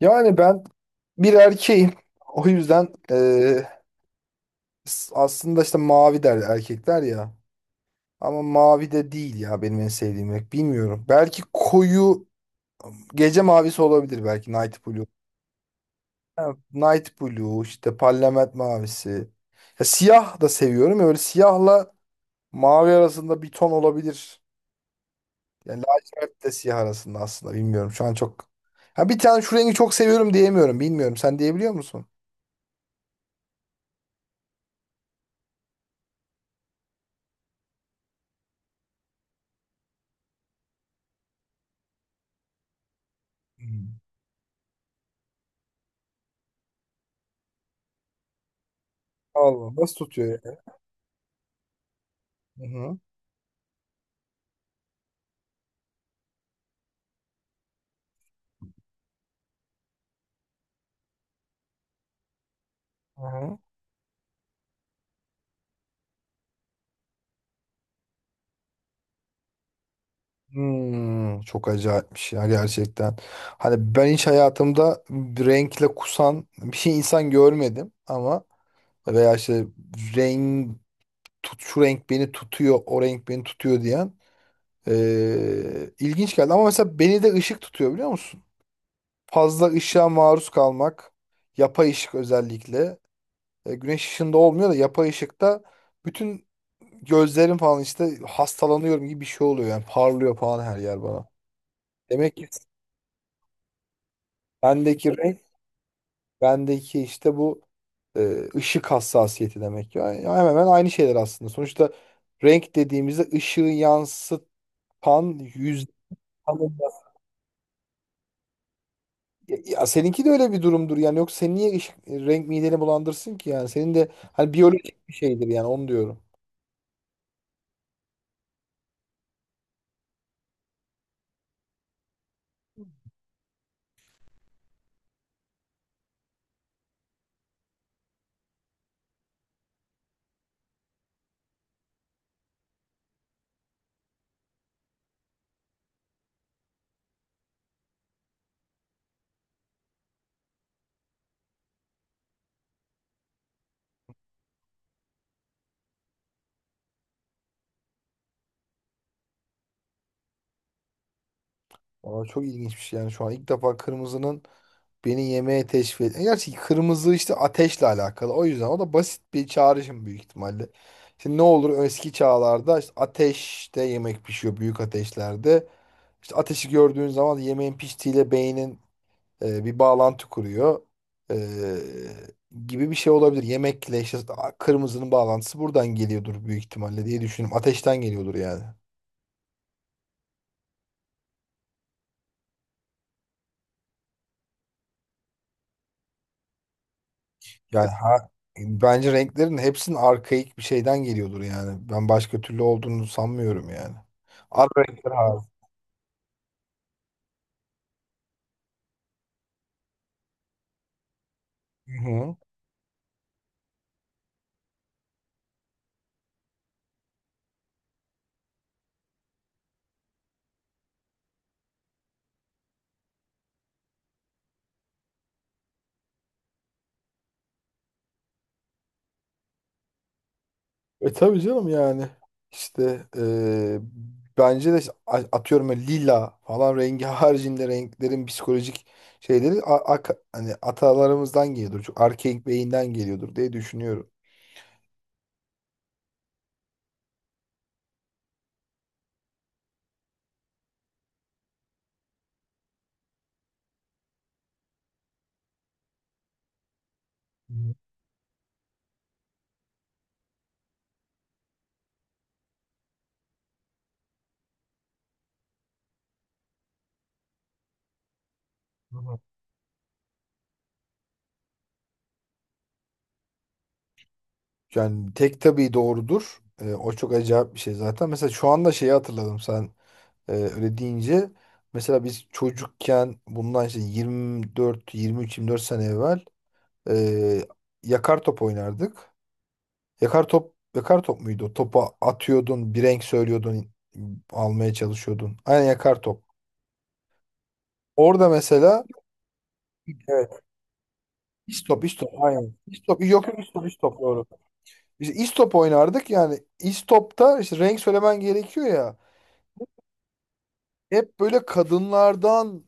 Yani ben bir erkeğim. O yüzden aslında işte mavi der erkekler ya. Ama mavi de değil ya benim en sevdiğim renk. Bilmiyorum. Belki koyu gece mavisi olabilir, belki Night Blue. Ha, Night Blue işte parlament mavisi. Ya siyah da seviyorum. Öyle siyahla mavi arasında bir ton olabilir. Yani lacivert de siyah arasında aslında, bilmiyorum. Şu an çok. Ha, bir tane şu rengi çok seviyorum diyemiyorum. Bilmiyorum. Sen diyebiliyor musun? Hmm. Allah, nasıl tutuyor ya? Hı hı. Hı hı. Hmm, çok acayipmiş ya gerçekten. Hani ben hiç hayatımda renkle kusan bir şey, insan görmedim ama, veya işte renk tut, şu renk beni tutuyor, o renk beni tutuyor diyen, ilginç geldi. Ama mesela beni de ışık tutuyor biliyor musun? Fazla ışığa maruz kalmak, yapay ışık özellikle. E, güneş ışığında olmuyor da yapay ışıkta bütün gözlerim falan işte hastalanıyorum gibi bir şey oluyor yani, parlıyor falan her yer bana. Demek ki bendeki renk, bendeki işte bu e, ışık hassasiyeti demek ki. Yani hemen hemen aynı şeyler aslında. Sonuçta renk dediğimizde ışığı yansıtan yüz tanımda. Ya, ya seninki de öyle bir durumdur yani. Yok, sen niye ışık, e, renk mideni bulandırsın ki yani? Senin de hani biyolojik bir şeydir yani, onu diyorum. Aa, çok ilginç bir şey yani, şu an ilk defa kırmızının beni yemeğe teşvik et. Gerçi kırmızı işte ateşle alakalı. O yüzden o da basit bir çağrışım büyük ihtimalle. Şimdi ne olur, eski çağlarda işte ateşte yemek pişiyor büyük ateşlerde. İşte ateşi gördüğün zaman yemeğin piştiğiyle beynin e, bir bağlantı kuruyor. E, gibi bir şey olabilir. Yemekle işte kırmızının bağlantısı buradan geliyordur büyük ihtimalle diye düşünüyorum. Ateşten geliyordur yani. Yani ha, bence renklerin hepsinin arkaik bir şeyden geliyordur yani. Ben başka türlü olduğunu sanmıyorum yani. Ara renkler abi. Hı hı. E tabii canım yani. İşte e, bence de atıyorum ya lila falan rengi haricinde renklerin psikolojik şeyleri a- a hani atalarımızdan geliyordur. Çok arkaik beyinden geliyordur diye düşünüyorum. Hı hı. Yani tek tabii doğrudur. E, o çok acayip bir şey zaten. Mesela şu anda şeyi hatırladım sen. Öyle deyince mesela biz çocukken bundan işte 24, 23, 24 sene evvel e, yakar top oynardık. Yakar top, yakar top muydu o? Topa atıyordun, bir renk söylüyordun, almaya çalışıyordun. Aynen, yakar top. Orada mesela evet. İstop, istop, aynen. İstop, yok yok istop, istop doğru. İşte istop oynardık yani, istopta işte renk söylemen gerekiyor ya. Hep böyle kadınlardan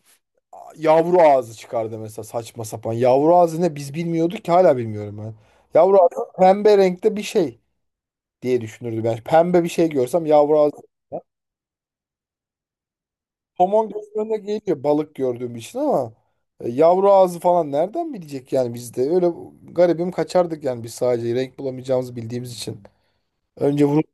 yavru ağzı çıkardı mesela, saçma sapan. Yavru ağzı ne biz bilmiyorduk ki, hala bilmiyorum ben. Yavru ağzı pembe renkte bir şey diye düşünürdüm ben. Pembe bir şey görsem yavru ağzı. Somon gözlerine geliyor balık gördüğüm için ama e, yavru ağzı falan nereden bilecek yani, biz de öyle garibim kaçardık yani, biz sadece renk bulamayacağımızı bildiğimiz için. Önce vurup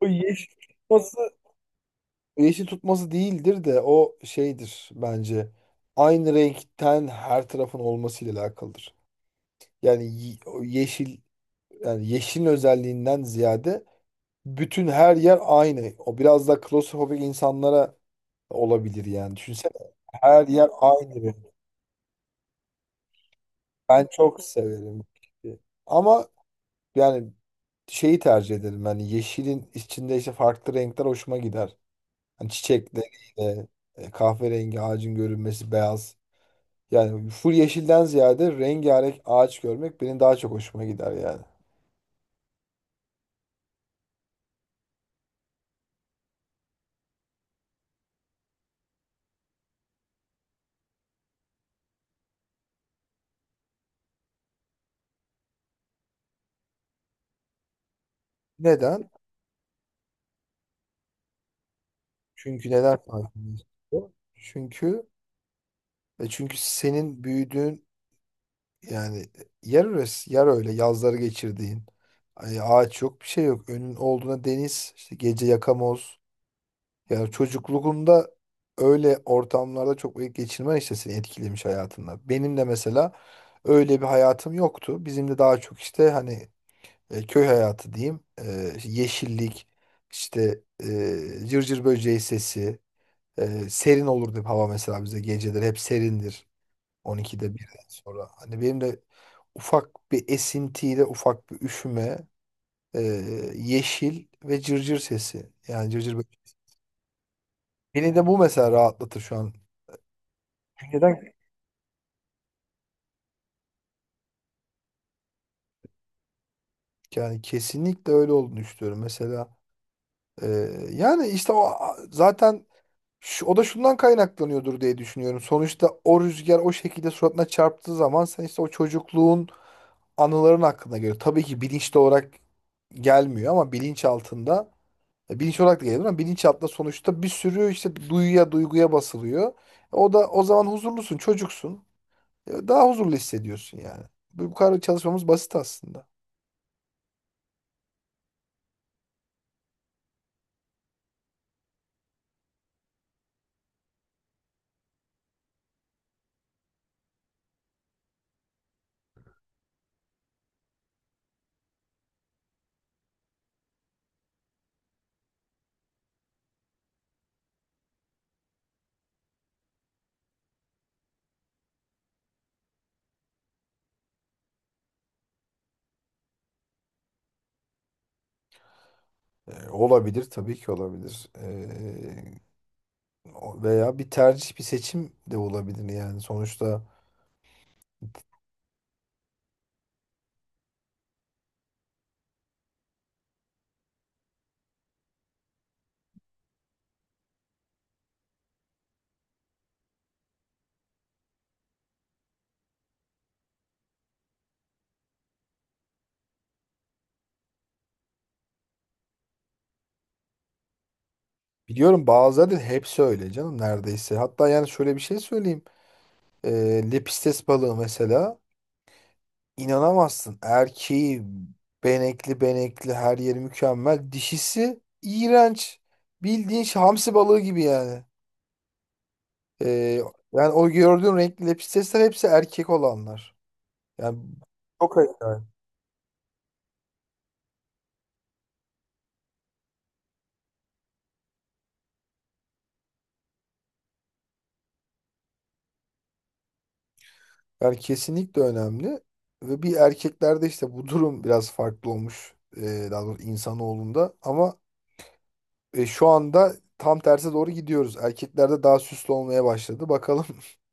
o yeşil tutması, yeşil tutması değildir de o şeydir bence. Aynı renkten her tarafın olmasıyla alakalıdır. Yani o yeşil, yani yeşilin özelliğinden ziyade bütün her yer aynı. O biraz da klostrofobik insanlara olabilir yani. Düşünsene, her yer aynı renk. Ben çok severim. Ama yani şeyi tercih ederim. Yani yeşilin içinde işte farklı renkler hoşuma gider. Hani çiçekleriyle e, kahverengi ağacın görünmesi, beyaz. Yani full yeşilden ziyade rengarenk ağaç görmek benim daha çok hoşuma gider yani. Neden? Çünkü neden sakin? Çünkü e çünkü senin büyüdüğün yani e, yer orası, yer öyle, yazları geçirdiğin. Ay, ağaç yok, bir şey yok. Önün olduğuna deniz, işte gece yakamoz. Yani çocukluğunda öyle ortamlarda çok vakit geçirmen işte seni etkilemiş hayatında. Benim de mesela öyle bir hayatım yoktu. Bizim de daha çok işte hani e, köy hayatı diyeyim. E, işte yeşillik, işte e, cırcır böceği sesi. Serin olurdu hep hava mesela, bize geceleri hep serindir 12'de 1'den sonra. Hani benim de ufak bir esintiyle ufak bir üşüme, e, yeşil ve cırcır sesi. Yani cırcır beni de bu mesela rahatlatır şu an. Çünkü neden? Yani kesinlikle öyle olduğunu düşünüyorum. Mesela e, yani işte o zaten şu, o da şundan kaynaklanıyordur diye düşünüyorum. Sonuçta o rüzgar o şekilde suratına çarptığı zaman sen işte o çocukluğun anıların hakkında geliyor. Tabii ki bilinçli olarak gelmiyor ama bilinç altında e, bilinç olarak da geliyor ama bilinç altında sonuçta bir sürü işte duyuya duyguya basılıyor. E, o da o zaman huzurlusun, çocuksun. E, daha huzurlu hissediyorsun yani. Bu kadar çalışmamız basit aslında. E, olabilir, tabii ki olabilir. E, veya bir tercih, bir seçim de olabilir yani sonuçta. Biliyorum, bazıları da hepsi öyle canım neredeyse. Hatta yani şöyle bir şey söyleyeyim. Lepistes balığı mesela, inanamazsın. Erkeği benekli benekli, her yeri mükemmel. Dişisi iğrenç. Bildiğin şey, hamsi balığı gibi yani. Ee, yani o gördüğün renkli lepistesler hepsi erkek olanlar. Yani çok ayıp yani. Yani kesinlikle önemli. Ve bir, erkeklerde işte bu durum biraz farklı olmuş. Daha doğrusu insanoğlunda. Ama e, şu anda tam terse doğru gidiyoruz. Erkeklerde daha süslü olmaya başladı. Bakalım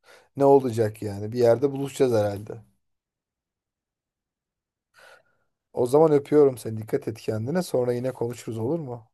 ne olacak yani. Bir yerde buluşacağız herhalde. O zaman öpüyorum seni. Dikkat et kendine. Sonra yine konuşuruz, olur mu?